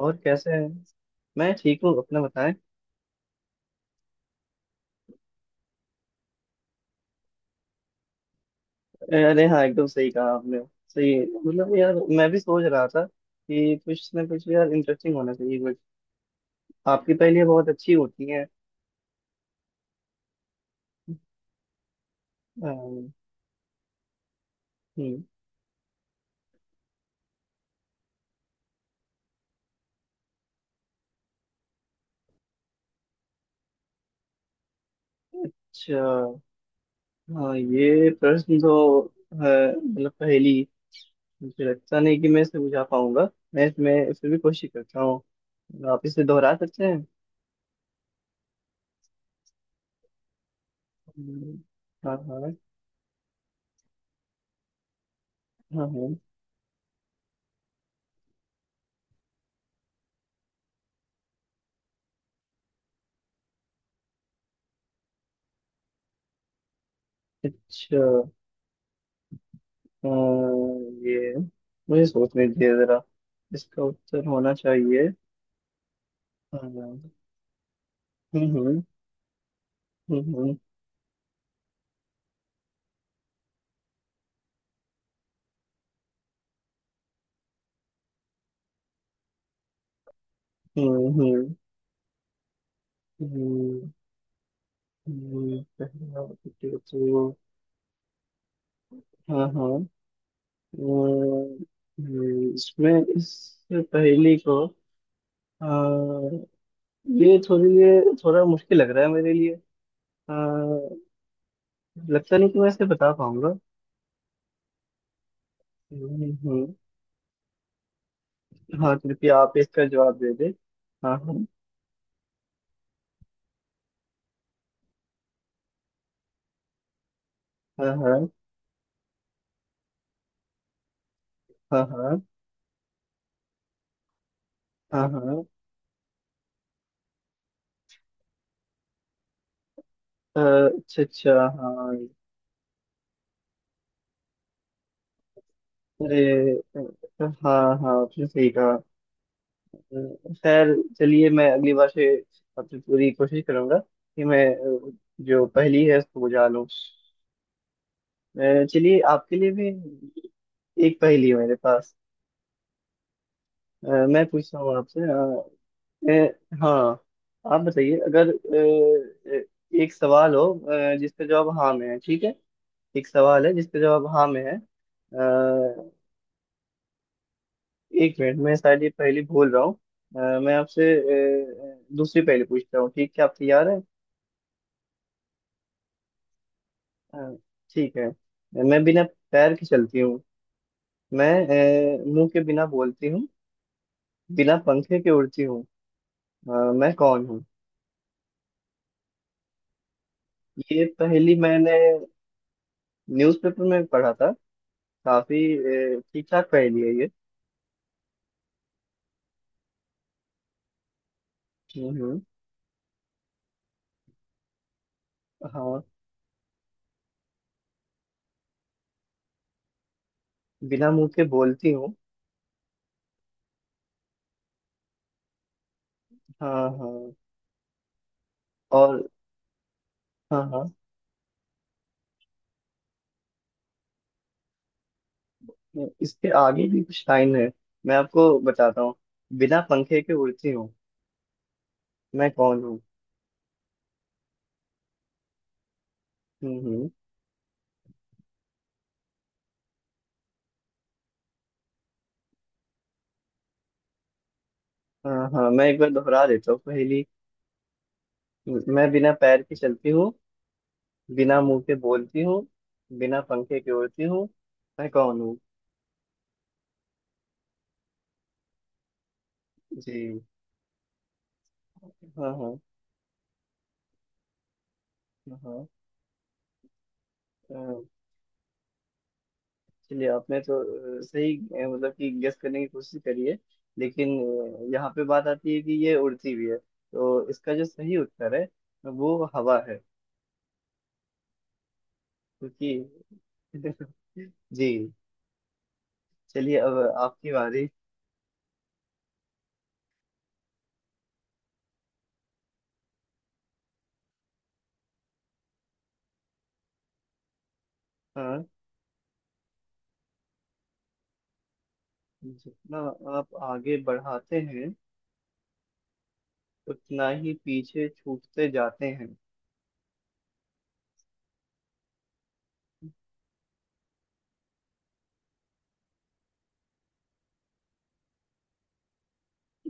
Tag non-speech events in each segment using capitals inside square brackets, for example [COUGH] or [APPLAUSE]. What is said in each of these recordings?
और कैसे हैं? मैं ठीक हूँ। अपना बताएं। अरे हाँ, एकदम सही कहा आपने। सही मतलब, यार मैं भी सोच रहा था कि कुछ ना कुछ यार इंटरेस्टिंग होना चाहिए कुछ। आपकी पहेलियाँ बहुत अच्छी होती हैं। अम, हम्म। अच्छा। हाँ, ये प्रश्न तो मतलब पहेली। मुझे लगता नहीं कि मैं इसे बुझा पाऊंगा। मैं इसमें फिर भी कोशिश करता हूँ। आप इसे दोहरा सकते हैं? हम्म। हाँ, हाँ। हाँ, हाँ। अच्छा। ये मुझे सोचने दीजिए जरा। इसका उत्तर होना चाहिए। हम्म, हम्म, हम्म, हम्म। हम्म। हम्म। पहला विकेट तो-। हाँ, हाँ। अह, इसमें इस पहेली को अह, ये थोड़ा मुश्किल लग रहा है मेरे लिए। अह, लगता नहीं कि मैं इसे बता पाऊंगा। हम्म। हाँ, कृपया आप इसका जवाब दे दे। हाँ, हाँ। हाँ, हाँ, हाँ, हाँ, हाँ। अच्छा, अच्छा। हाँ। अरे अ, हाँ, हाँ, आपने सही कहा। खैर चलिए, मैं अगली बार से अपनी पूरी कोशिश करूंगा कि मैं अ, जो पहेली है उसको बुझा लूँ। चलिए, आपके लिए भी एक पहेली है मेरे पास। अ, मैं पूछता हूँ आपसे हाँ। आप बताइए, अगर अ, अ, एक सवाल हो, जिसका जवाब हाँ में है, ठीक है। एक सवाल है जिसका जवाब हाँ में है। अ, एक मिनट, मैं शायद ये पहली भूल रहा हूँ। मैं आपसे दूसरी पहेली पूछता हूँ, ठीक है? आप तैयार है? अ, ठीक है। मैं बिना पैर के चलती हूँ। मैं मुंह के बिना बोलती हूँ। बिना पंखे के उड़ती हूँ। अ, मैं कौन हूँ? ये पहेली मैंने न्यूज़पेपर में पढ़ा था। काफी ठीक ठाक पहेली है ये। हम्म, हम्म। हाँ, बिना मुंह के बोलती हूँ। हाँ, हाँ। और। हाँ, हाँ। इसके आगे भी कुछ लाइन है। मैं आपको बताता हूँ। बिना पंखे के उड़ती हूँ। मैं कौन हूँ? हम्म, हम्म। हाँ, हाँ, मैं एक बार दोहरा देता हूँ पहली। मैं बिना पैर के चलती हूँ। बिना मुंह के बोलती हूँ। बिना पंखे के उड़ती हूँ। मैं कौन हूँ? जी। हाँ हाँ, हाँ। अ, चलिए, आपने तो सही मतलब कि गेस करने की कोशिश करी है। लेकिन यहाँ पे बात आती है कि ये उड़ती भी है तो इसका जो सही उत्तर है वो हवा है। क्योंकि [LAUGHS] जी। चलिए, अब आपकी बारी। हाँ। जितना आप आगे बढ़ाते हैं उतना ही पीछे छूटते जाते हैं।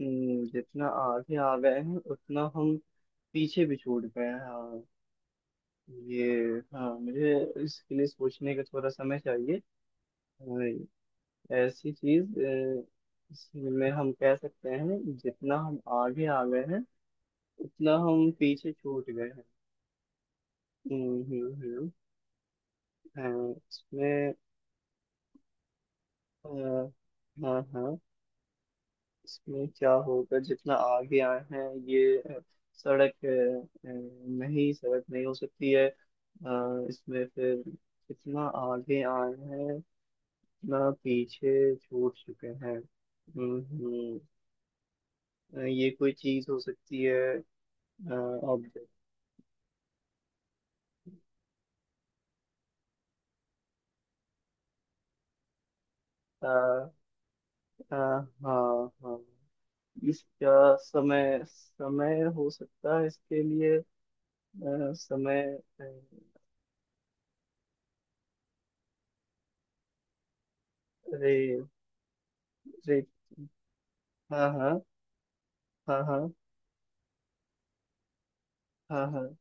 जितना आगे आ गए हैं उतना हम पीछे भी छूट गए हैं, हाँ। ये, हाँ, मुझे इसके लिए सोचने का थोड़ा समय चाहिए। हाँ। ऐसी चीज। इसमें हम कह सकते हैं जितना हम आगे आ गए हैं उतना हम पीछे छूट गए हैं। हम्म, हम्म, हम्म। हाँ, इसमें अ, हाँ, हाँ। इसमें क्या होगा जितना आगे आए हैं, ये सड़क, नहीं सड़क नहीं हो सकती है, इसमें फिर जितना आगे आए हैं उतना पीछे छूट चुके हैं। हम्म, हम्म। ये कोई चीज हो सकती है। ऑब्जेक्ट। हाँ, हाँ। इसका समय समय हो सकता है इसके लिए। समय। अ, रे। हाँ, हाँ, हाँ, हाँ, हाँ, हाँ,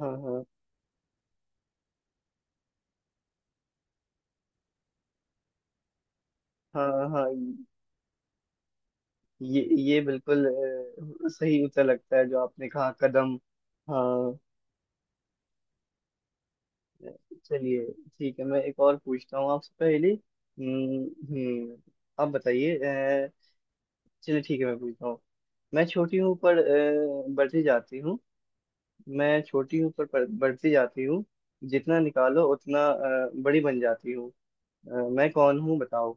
हाँ, हाँ, हाँ, हाँ। हाँ, ये बिल्कुल सही उत्तर लगता है जो आपने कहा, कदम। हाँ। चलिए ठीक है, मैं एक और पूछता हूँ आपसे पहले। हम्म। हम्म। आप बताइए। अ, चलिए ठीक है, मैं पूछता हूँ। मैं छोटी हूँ पर बढ़ती जाती हूँ। मैं छोटी हूँ पर बढ़ती जाती हूँ। जितना निकालो उतना बड़ी बन जाती हूँ। मैं कौन हूँ बताओ?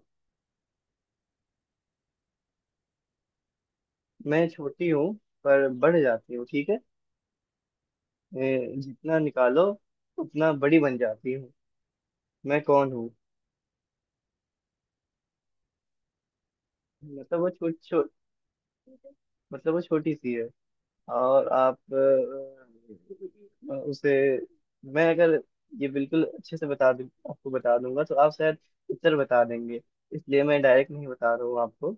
मैं छोटी हूँ पर बढ़ जाती हूँ, ठीक है। जितना निकालो उतना बड़ी बन जाती हूँ। मैं कौन हूँ? मतलब वो छोटी छोट मतलब वो छोटी सी है। और आप उसे। मैं अगर ये बिल्कुल अच्छे से बता दूँ, आपको बता दूंगा तो आप शायद उत्तर बता देंगे। इसलिए मैं डायरेक्ट नहीं बता रहा हूँ आपको।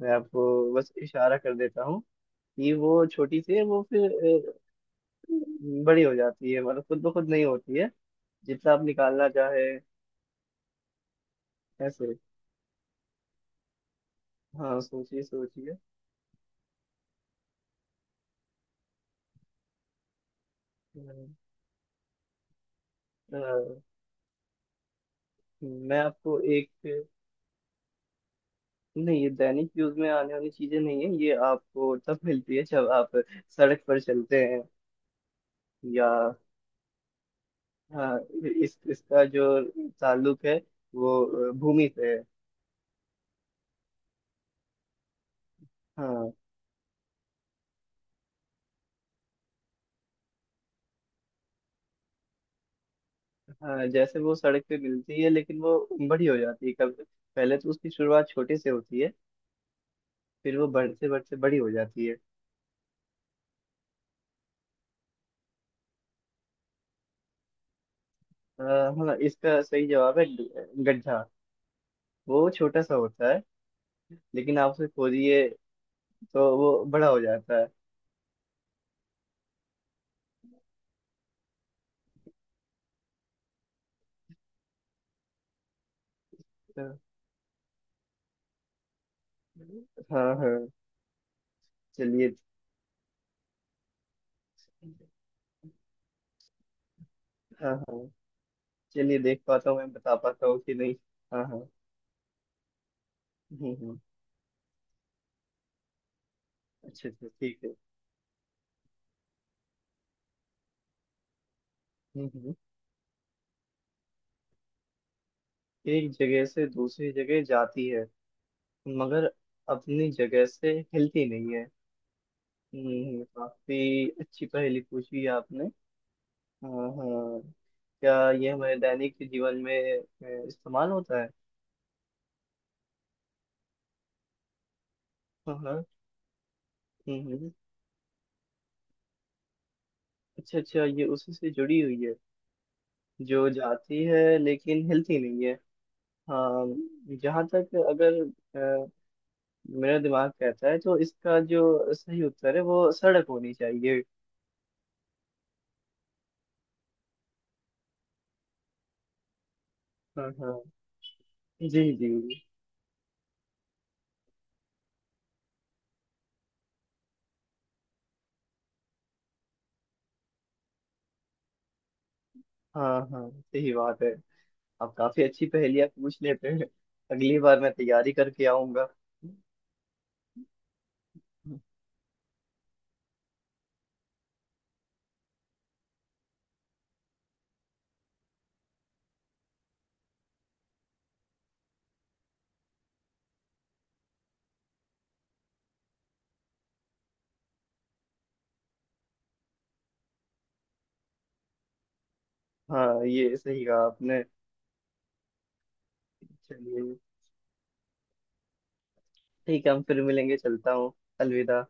मैं आपको बस इशारा कर देता हूँ। कि वो छोटी सी है, वो फिर बड़ी हो जाती है, मतलब खुद ब खुद नहीं होती है। जितना आप निकालना चाहे। ऐसे। हाँ, सोचिए सोचिए। हम्म। अ, मैं आपको एक। नहीं, ये दैनिक यूज में आने वाली चीजें नहीं है, ये आपको तब मिलती है जब आप सड़क पर चलते हैं, या। हाँ। इस इसका जो ताल्लुक है वो भूमि से है। हाँ। हाँ, जैसे वो सड़क पे मिलती है लेकिन वो बड़ी हो जाती है कब? पहले तो उसकी शुरुआत छोटे से होती है। फिर वो बढ़ते बढ़ते बड़ी हो जाती है। अ, हाँ, इसका सही जवाब है गड्ढा। वो छोटा सा होता है। लेकिन आप उसे खोदिए। तो वो बड़ा हो जाता है। हाँ, हाँ। चलिए। हाँ, हाँ। चलिए, देख पाता हूँ मैं बता पाता हूँ कि नहीं। हाँ, हाँ। हम्म, हम्म। अच्छा, अच्छा, ठीक है। हम्म, हम्म। एक जगह से दूसरी जगह जाती है, मगर अपनी जगह से हिलती नहीं है। काफी अच्छी पहेली पूछी है आपने। हाँ, हाँ। क्या ये हमारे दैनिक जीवन में इस्तेमाल होता है? हाँ, हाँ। हम्म, अच्छा, अच्छा, ये उसी से जुड़ी हुई है। जो जाती है लेकिन हिलती नहीं है। हाँ, जहाँ तक अगर अ, मेरा दिमाग कहता है तो इसका जो सही उत्तर है वो सड़क होनी चाहिए। हाँ, हाँ। जी, जी। हाँ, हाँ, सही बात है। आप काफी अच्छी पहेलियाँ पूछ लेते हैं। अगली बार मैं तैयारी करके आऊंगा। हाँ, ये सही कहा आपने। चलिए। ठीक है, हम फिर मिलेंगे, चलता हूँ। अलविदा।